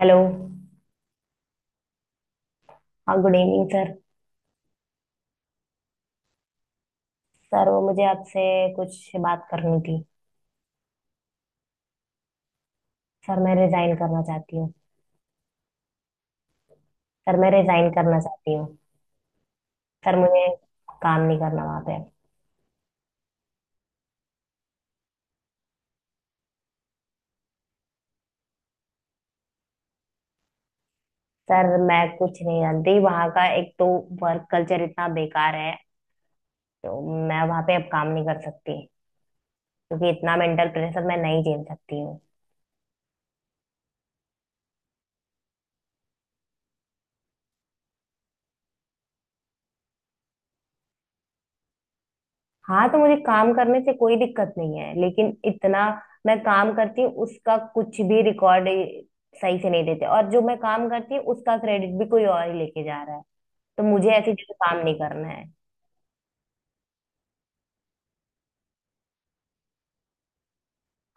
Hello. हाँ, good evening sir. Sir वो मुझे आपसे कुछ बात करनी थी। सर मैं रिजाइन करना चाहती हूँ। सर मैं रिजाइन करना चाहती हूँ। सर मुझे काम नहीं करना वहाँ पे। सर मैं कुछ नहीं जानती, वहाँ का एक तो वर्क कल्चर इतना बेकार है, तो मैं वहाँ पे अब काम नहीं कर सकती, क्योंकि इतना मेंटल प्रेशर मैं नहीं झेल सकती हूँ। हाँ तो मुझे काम करने से कोई दिक्कत नहीं है, लेकिन इतना मैं काम करती हूँ उसका कुछ भी रिकॉर्ड सही से नहीं देते, और जो मैं काम करती हूँ उसका क्रेडिट भी कोई और ही लेके जा रहा है, तो मुझे ऐसी जगह काम नहीं करना है।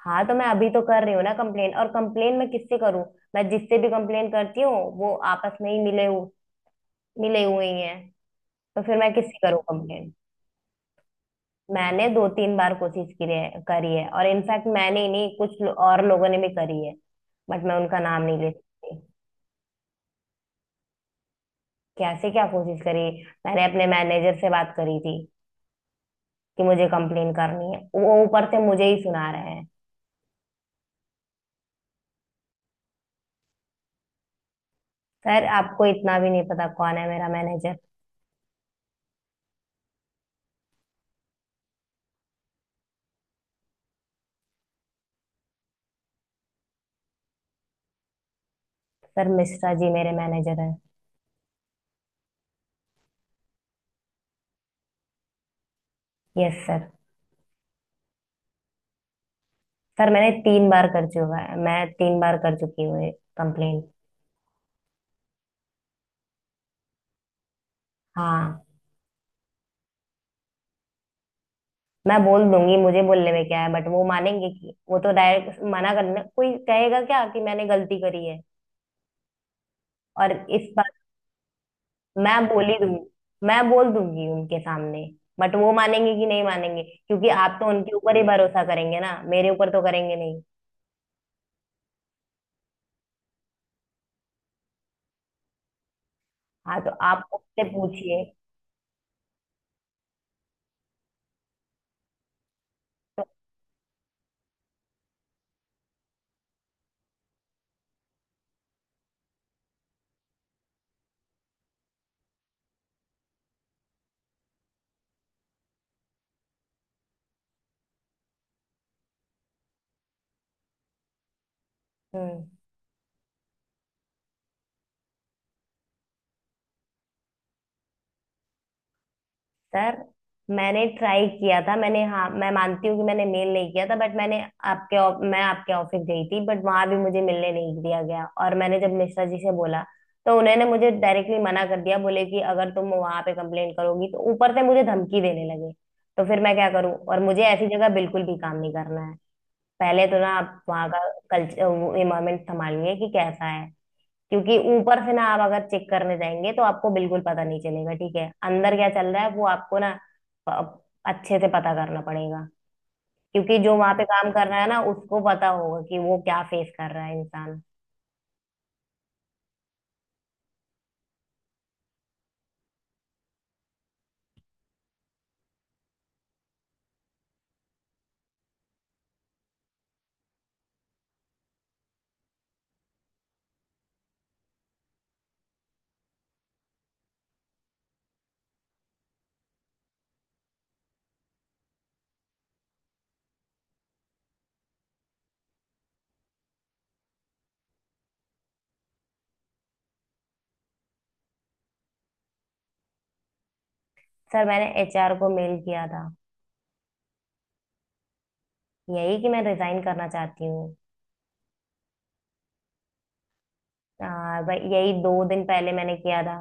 हाँ तो मैं अभी तो कर रही हूँ ना कंप्लेन। और कंप्लेन मैं किससे करूँ, मैं जिससे भी कंप्लेन करती हूँ वो आपस में ही मिले हुए ही हैं। तो फिर मैं किससे करूँ कंप्लेन। मैंने दो तीन बार कोशिश की है करी है, और इनफैक्ट मैंने ही नहीं और लोगों ने भी करी है, बट मैं उनका नाम नहीं ले सकती। कैसे क्या कोशिश करी। मैंने अपने मैनेजर से बात करी थी कि मुझे कंप्लेन करनी है, वो ऊपर से मुझे ही सुना रहे हैं। सर आपको इतना भी नहीं पता कौन है मेरा मैनेजर। सर मिश्रा जी मेरे मैनेजर है। Yes sir. सर मैंने तीन बार कर चुका है, मैं तीन बार कर चुकी हूँ ये कंप्लेन। हाँ। मैं बोल दूंगी, मुझे बोलने में क्या है, बट वो मानेंगे कि? वो तो डायरेक्ट मना करने, कोई कहेगा क्या कि मैंने गलती करी है। और इस बात मैं बोल ही दूंगी, मैं बोल दूंगी उनके सामने। बट वो मानेंगे कि नहीं मानेंगे, क्योंकि आप तो उनके ऊपर ही भरोसा करेंगे ना, मेरे ऊपर तो करेंगे नहीं। हाँ तो आप उससे पूछिए। हम्म। सर मैंने ट्राई किया था, मैंने, हाँ मैं मानती हूँ कि मैंने मेल नहीं किया था, बट मैंने मैं आपके ऑफिस गई थी, बट वहां भी मुझे मिलने नहीं दिया गया। और मैंने जब मिश्रा जी से बोला तो उन्होंने मुझे डायरेक्टली मना कर दिया, बोले कि अगर तुम वहां पे कंप्लेंट करोगी तो, ऊपर से मुझे धमकी देने लगे। तो फिर मैं क्या करूँ, और मुझे ऐसी जगह बिल्कुल भी काम नहीं करना है। पहले तो ना आप वहाँ का कल्चर इन्वायरमेंट संभालिए कि कैसा है। क्योंकि ऊपर से ना आप अगर चेक करने जाएंगे तो आपको बिल्कुल पता नहीं चलेगा, ठीक है, अंदर क्या चल रहा है वो आपको ना प- अच्छे से पता करना पड़ेगा। क्योंकि जो वहां पे काम कर रहा है ना उसको पता होगा कि वो क्या फेस कर रहा है इंसान। सर मैंने एचआर को मेल किया था। यही कि मैं रिजाइन करना चाहती हूँ। भाई यही दो दिन पहले मैंने किया था,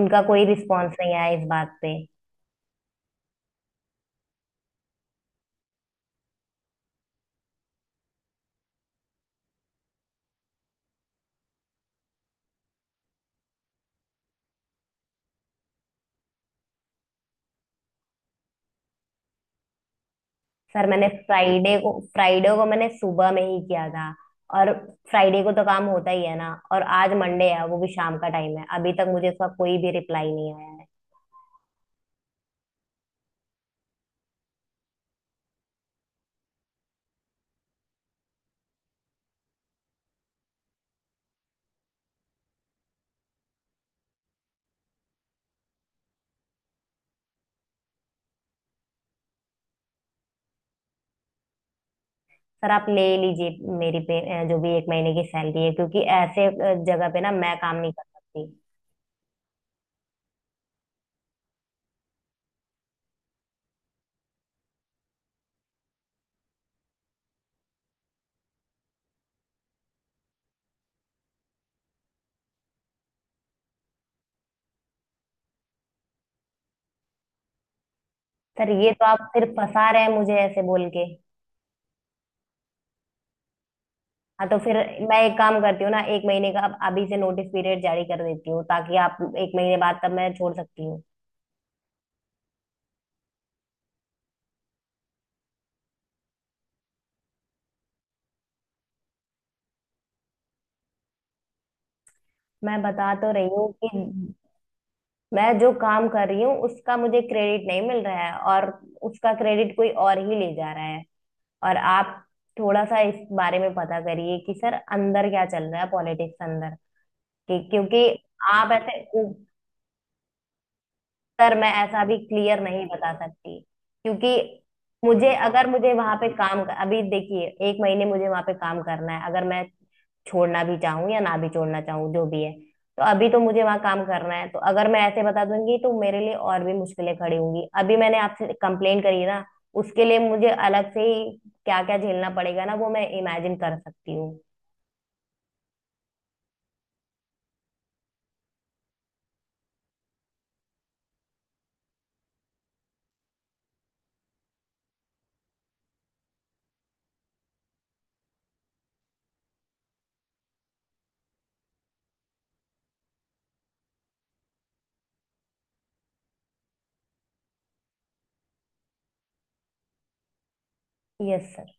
उनका कोई रिस्पॉन्स नहीं आया इस बात पे। सर मैंने फ्राइडे को मैंने सुबह में ही किया था। और फ्राइडे को तो काम होता ही है ना, और आज मंडे है, वो भी शाम का टाइम है, अभी तक मुझे उसका कोई भी रिप्लाई नहीं आया है। सर आप ले लीजिए मेरी पे जो भी एक महीने की सैलरी है, क्योंकि ऐसे जगह पे ना मैं काम नहीं कर सकती। सर ये तो आप फिर फंसा रहे हैं मुझे ऐसे बोल के। हाँ तो फिर मैं एक काम करती हूँ ना, एक महीने का अब अभी से नोटिस पीरियड जारी कर देती हूँ, ताकि आप, एक महीने बाद तब मैं छोड़ सकती हूँ। मैं बता तो रही हूँ कि मैं जो काम कर रही हूँ उसका मुझे क्रेडिट नहीं मिल रहा है, और उसका क्रेडिट कोई और ही ले जा रहा है। और आप थोड़ा सा इस बारे में पता करिए कि सर अंदर क्या चल रहा है पॉलिटिक्स अंदर। कि क्योंकि आप ऐसे सर मैं ऐसा भी क्लियर नहीं बता सकती, क्योंकि मुझे, अगर मुझे वहां पे अभी देखिए एक महीने मुझे वहां पे काम करना है, अगर मैं छोड़ना भी चाहूँ या ना भी छोड़ना चाहूँ जो भी है, तो अभी तो मुझे वहां काम करना है, तो अगर मैं ऐसे बता दूंगी तो मेरे लिए और भी मुश्किलें खड़ी होंगी। अभी मैंने आपसे कंप्लेन करी ना, उसके लिए मुझे अलग से ही क्या क्या झेलना पड़ेगा ना, वो मैं इमेजिन कर सकती हूँ। Yes sir.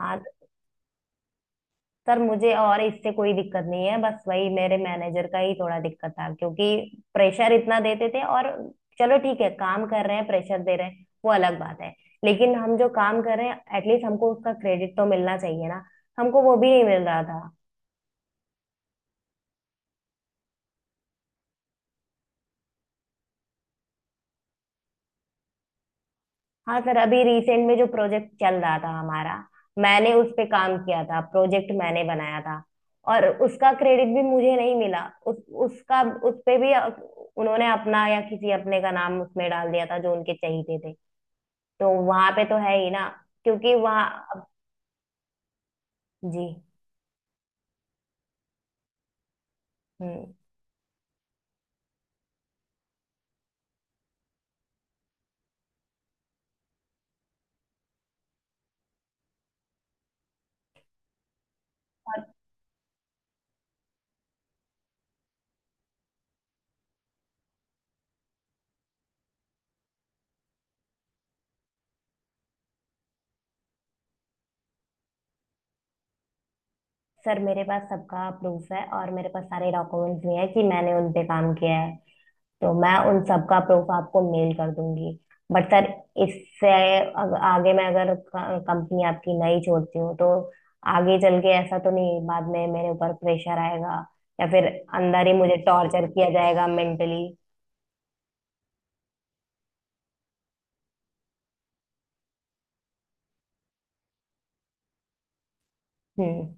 हाँ सर मुझे और इससे कोई दिक्कत नहीं है, बस वही मेरे मैनेजर का ही थोड़ा दिक्कत था, क्योंकि प्रेशर इतना देते थे। और चलो ठीक है, काम कर रहे हैं प्रेशर दे रहे हैं, वो अलग बात है, लेकिन हम जो काम कर रहे हैं एटलीस्ट हमको उसका क्रेडिट तो मिलना चाहिए ना, हमको वो भी नहीं मिल रहा था। हाँ सर, अभी रिसेंट में जो प्रोजेक्ट चल रहा था हमारा, मैंने उस पे काम किया था, प्रोजेक्ट मैंने बनाया था, और उसका क्रेडिट भी मुझे नहीं मिला। उस उसका उस पे भी अ- उन्होंने अपना या किसी अपने का नाम उसमें डाल दिया था, जो उनके चाहिए थे। तो वहां पे तो है ही ना, क्योंकि वहाँ। जी। हम्म। सर मेरे पास सबका प्रूफ है, और मेरे पास सारे डॉक्यूमेंट्स भी हैं कि मैंने उन पे काम किया है, तो मैं उन सबका प्रूफ आपको मेल कर दूंगी। बट सर इससे आगे, मैं अगर कंपनी आपकी नहीं छोड़ती हूँ तो आगे चल के ऐसा तो नहीं बाद में मेरे ऊपर प्रेशर आएगा, या फिर अंदर ही मुझे टॉर्चर किया जाएगा मेंटली। हम्म।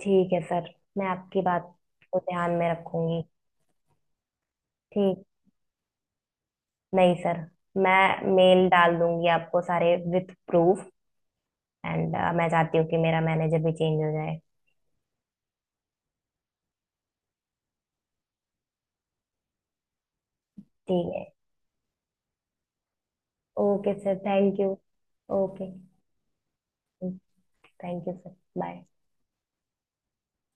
ठीक है सर, मैं आपकी बात को ध्यान में रखूंगी। ठीक। नहीं सर, मैं मेल डाल दूंगी आपको सारे विथ प्रूफ। एंड मैं चाहती हूँ कि मेरा मैनेजर भी चेंज हो जाए। ठीक है। Okay sir thank you. Okay. Thank you sir. Bye.